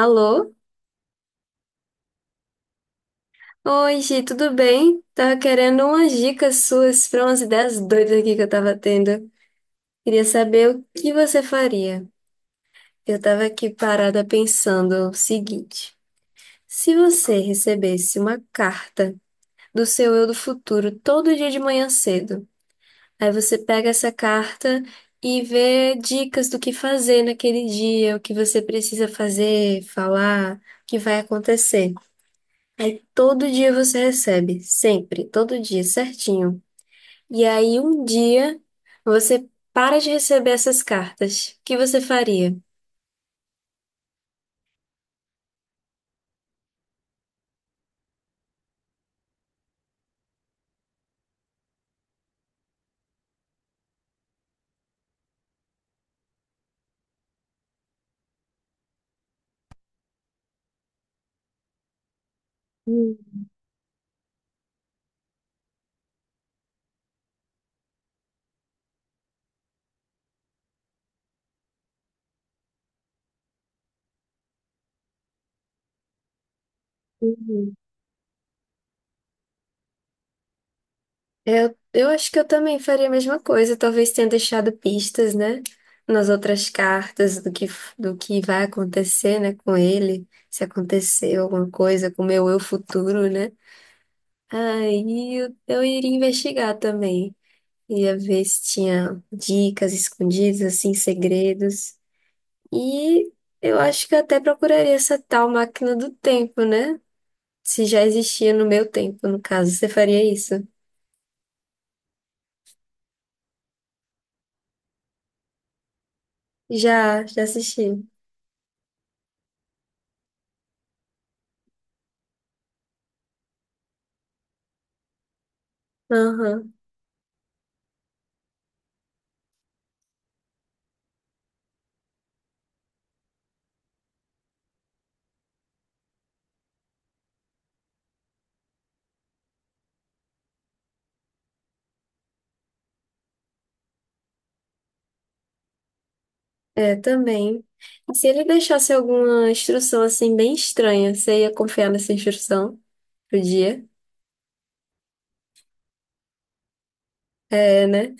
Alô? Oi, Gi, tudo bem? Tava querendo umas dicas suas para umas ideias doidas aqui que eu tava tendo. Queria saber o que você faria. Eu tava aqui parada pensando o seguinte: se você recebesse uma carta do seu eu do futuro todo dia de manhã cedo, aí você pega essa carta e vê dicas do que fazer naquele dia, o que você precisa fazer, falar, o que vai acontecer. Aí todo dia você recebe, sempre, todo dia, certinho. E aí um dia você para de receber essas cartas. O que você faria? Hum, uhum. Eu acho que eu também faria a mesma coisa, talvez tenha deixado pistas, né, nas outras cartas do que vai acontecer, né, com ele, se aconteceu alguma coisa com o meu eu futuro, né? Aí eu iria investigar também. Ia ver se tinha dicas escondidas, assim, segredos. E eu acho que eu até procuraria essa tal máquina do tempo, né? Se já existia no meu tempo, no caso, você faria isso? Já assisti. Aham, é, também. E se ele deixasse alguma instrução, assim, bem estranha, você ia confiar nessa instrução pro dia? É, né?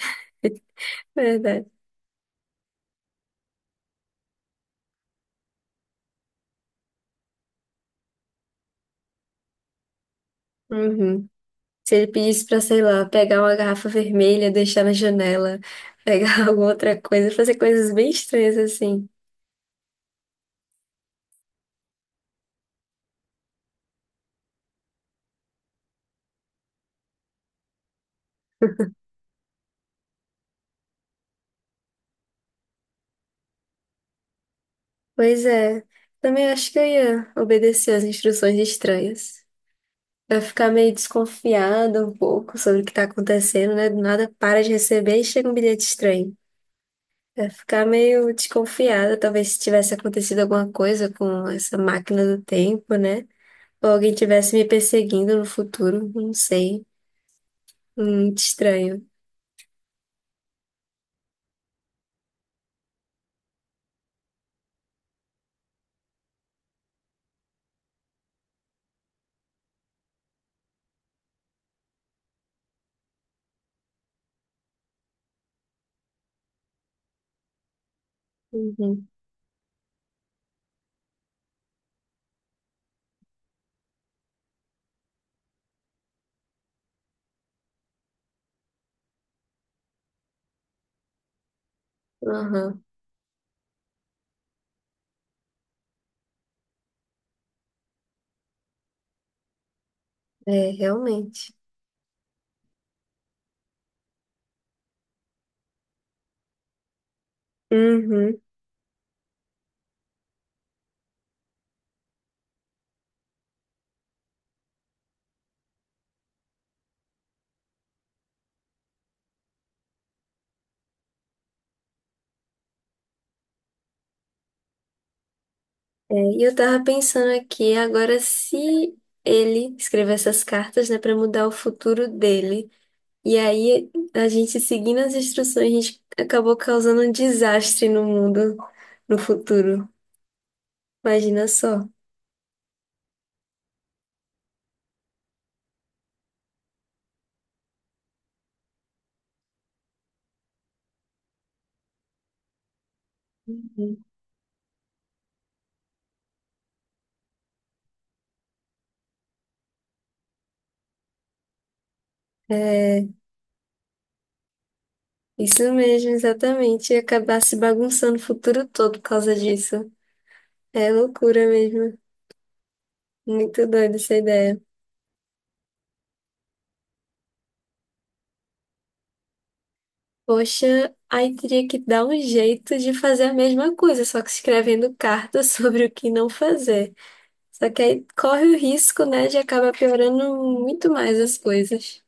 Verdade. Uhum. Se ele pedisse pra, sei lá, pegar uma garrafa vermelha, deixar na janela, pegar alguma outra coisa, fazer coisas bem estranhas assim. Pois é, também acho que eu ia obedecer às instruções estranhas. Vai ficar meio desconfiada um pouco sobre o que tá acontecendo, né? Do nada para de receber e chega um bilhete estranho. Vai ficar meio desconfiada, talvez se tivesse acontecido alguma coisa com essa máquina do tempo, né? Ou alguém tivesse me perseguindo no futuro, não sei. Muito estranho. Uhum. Aham, é, realmente. Uhum. É, e eu tava pensando aqui, agora se ele escrever essas cartas, né, para mudar o futuro dele, e aí a gente seguindo as instruções, a gente acabou causando um desastre no mundo no futuro. Imagina só. Uhum. É, isso mesmo, exatamente. E acabar se bagunçando o futuro todo por causa disso. É loucura mesmo. Muito doida essa ideia. Poxa, aí teria que dar um jeito de fazer a mesma coisa, só que escrevendo carta sobre o que não fazer. Só que aí corre o risco, né, de acabar piorando muito mais as coisas.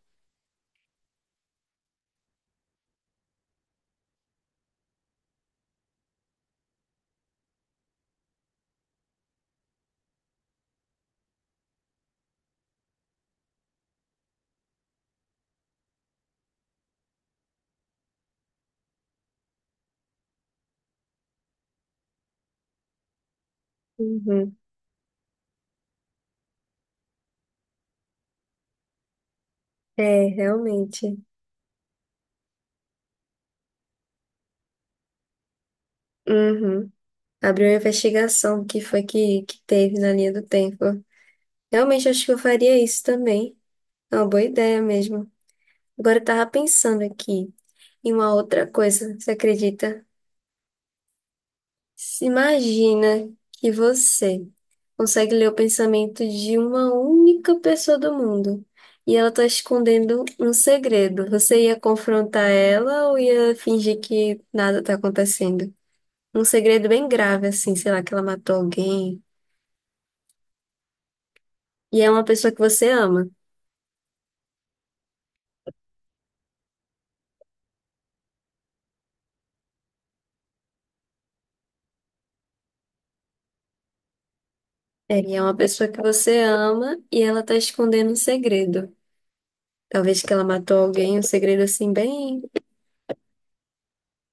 Uhum. É, realmente. Uhum. Abriu uma investigação do que foi que teve na linha do tempo. Realmente acho que eu faria isso também. É uma boa ideia mesmo. Agora eu tava pensando aqui em uma outra coisa, você acredita? Se imagina que você consegue ler o pensamento de uma única pessoa do mundo e ela está escondendo um segredo. Você ia confrontar ela ou ia fingir que nada está acontecendo? Um segredo bem grave, assim, sei lá, que ela matou alguém. E é uma pessoa que você ama. É, e é uma pessoa que você ama e ela está escondendo um segredo. Talvez que ela matou alguém, um segredo assim bem.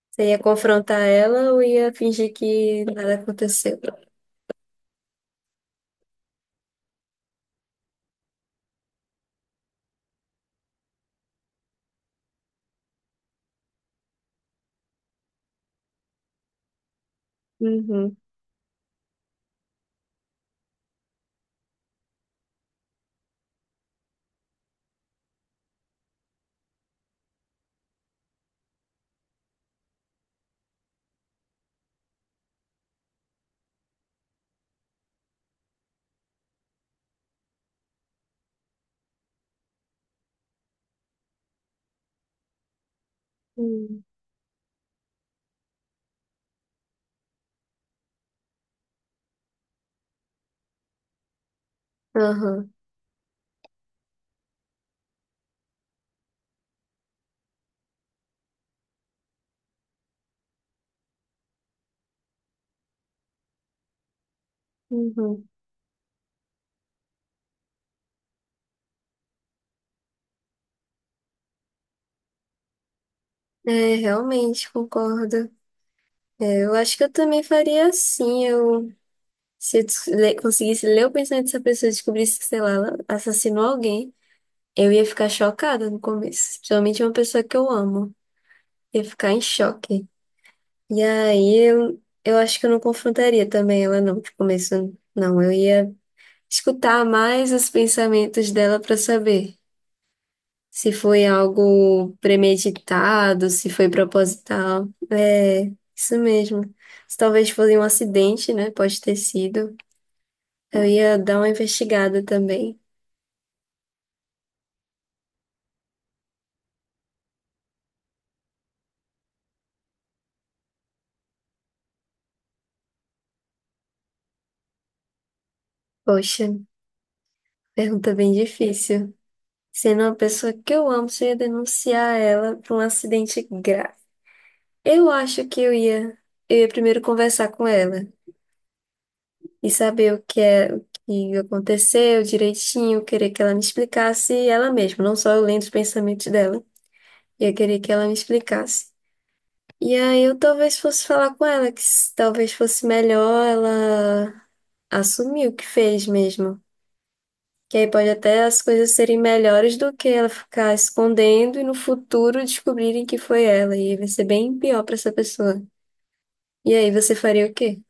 Você ia confrontar ela ou ia fingir que nada aconteceu? Uhum. Uhum. Aham. Uhum. É, realmente concordo. É, eu acho que eu também faria assim. Se eu conseguisse ler o pensamento dessa pessoa e descobrisse que, sei lá, ela assassinou alguém, eu ia ficar chocada no começo. Principalmente uma pessoa que eu amo. Ia ficar em choque. E aí eu acho que eu não confrontaria também ela, não, de começo. Não, eu ia escutar mais os pensamentos dela pra saber se foi algo premeditado, se foi proposital. É, isso mesmo. Se talvez fosse um acidente, né? Pode ter sido. Eu ia dar uma investigada também. Poxa, pergunta bem difícil. Sendo uma pessoa que eu amo, se eu ia denunciar ela por um acidente grave. Eu acho que eu ia primeiro conversar com ela e saber o que é, o que aconteceu direitinho, querer que ela me explicasse ela mesma, não só eu lendo os pensamentos dela. Eu queria que ela me explicasse. E aí eu talvez fosse falar com ela, que talvez fosse melhor ela assumir o que fez mesmo. Que aí pode até as coisas serem melhores do que ela ficar escondendo e no futuro descobrirem que foi ela. E aí vai ser bem pior pra essa pessoa. E aí você faria o quê?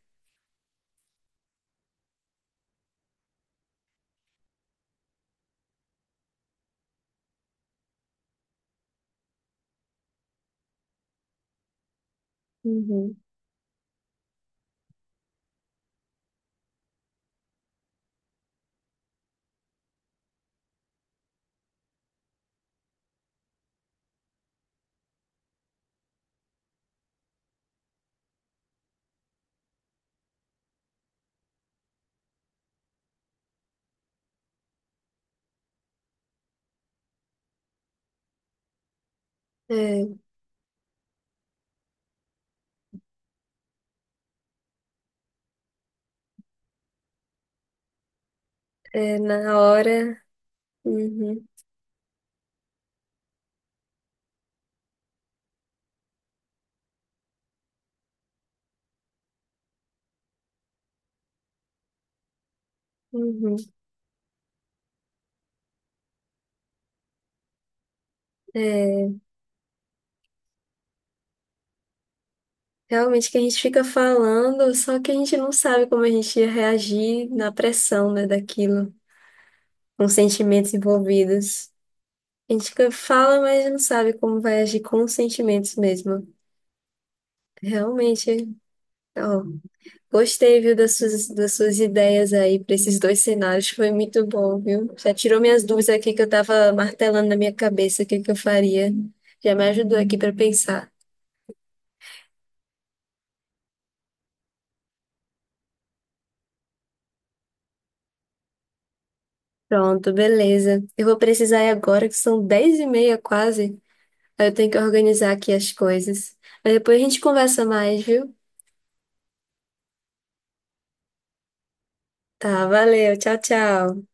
Uhum. É, é, na hora. Uhum, uhum. É, realmente que a gente fica falando, só que a gente não sabe como a gente ia reagir na pressão, né, daquilo. Com sentimentos envolvidos. A gente fica- fala, mas não sabe como vai agir com os sentimentos mesmo. Realmente, ó, gostei, viu, das suas ideias aí para esses dois cenários. Foi muito bom, viu? Já tirou minhas dúvidas aqui que eu tava martelando na minha cabeça o que que eu faria. Já me ajudou aqui para pensar. Pronto, beleza. Eu vou precisar ir agora, que são 10:30 quase. Aí eu tenho que organizar aqui as coisas. Mas depois a gente conversa mais, viu? Tá, valeu. Tchau, tchau.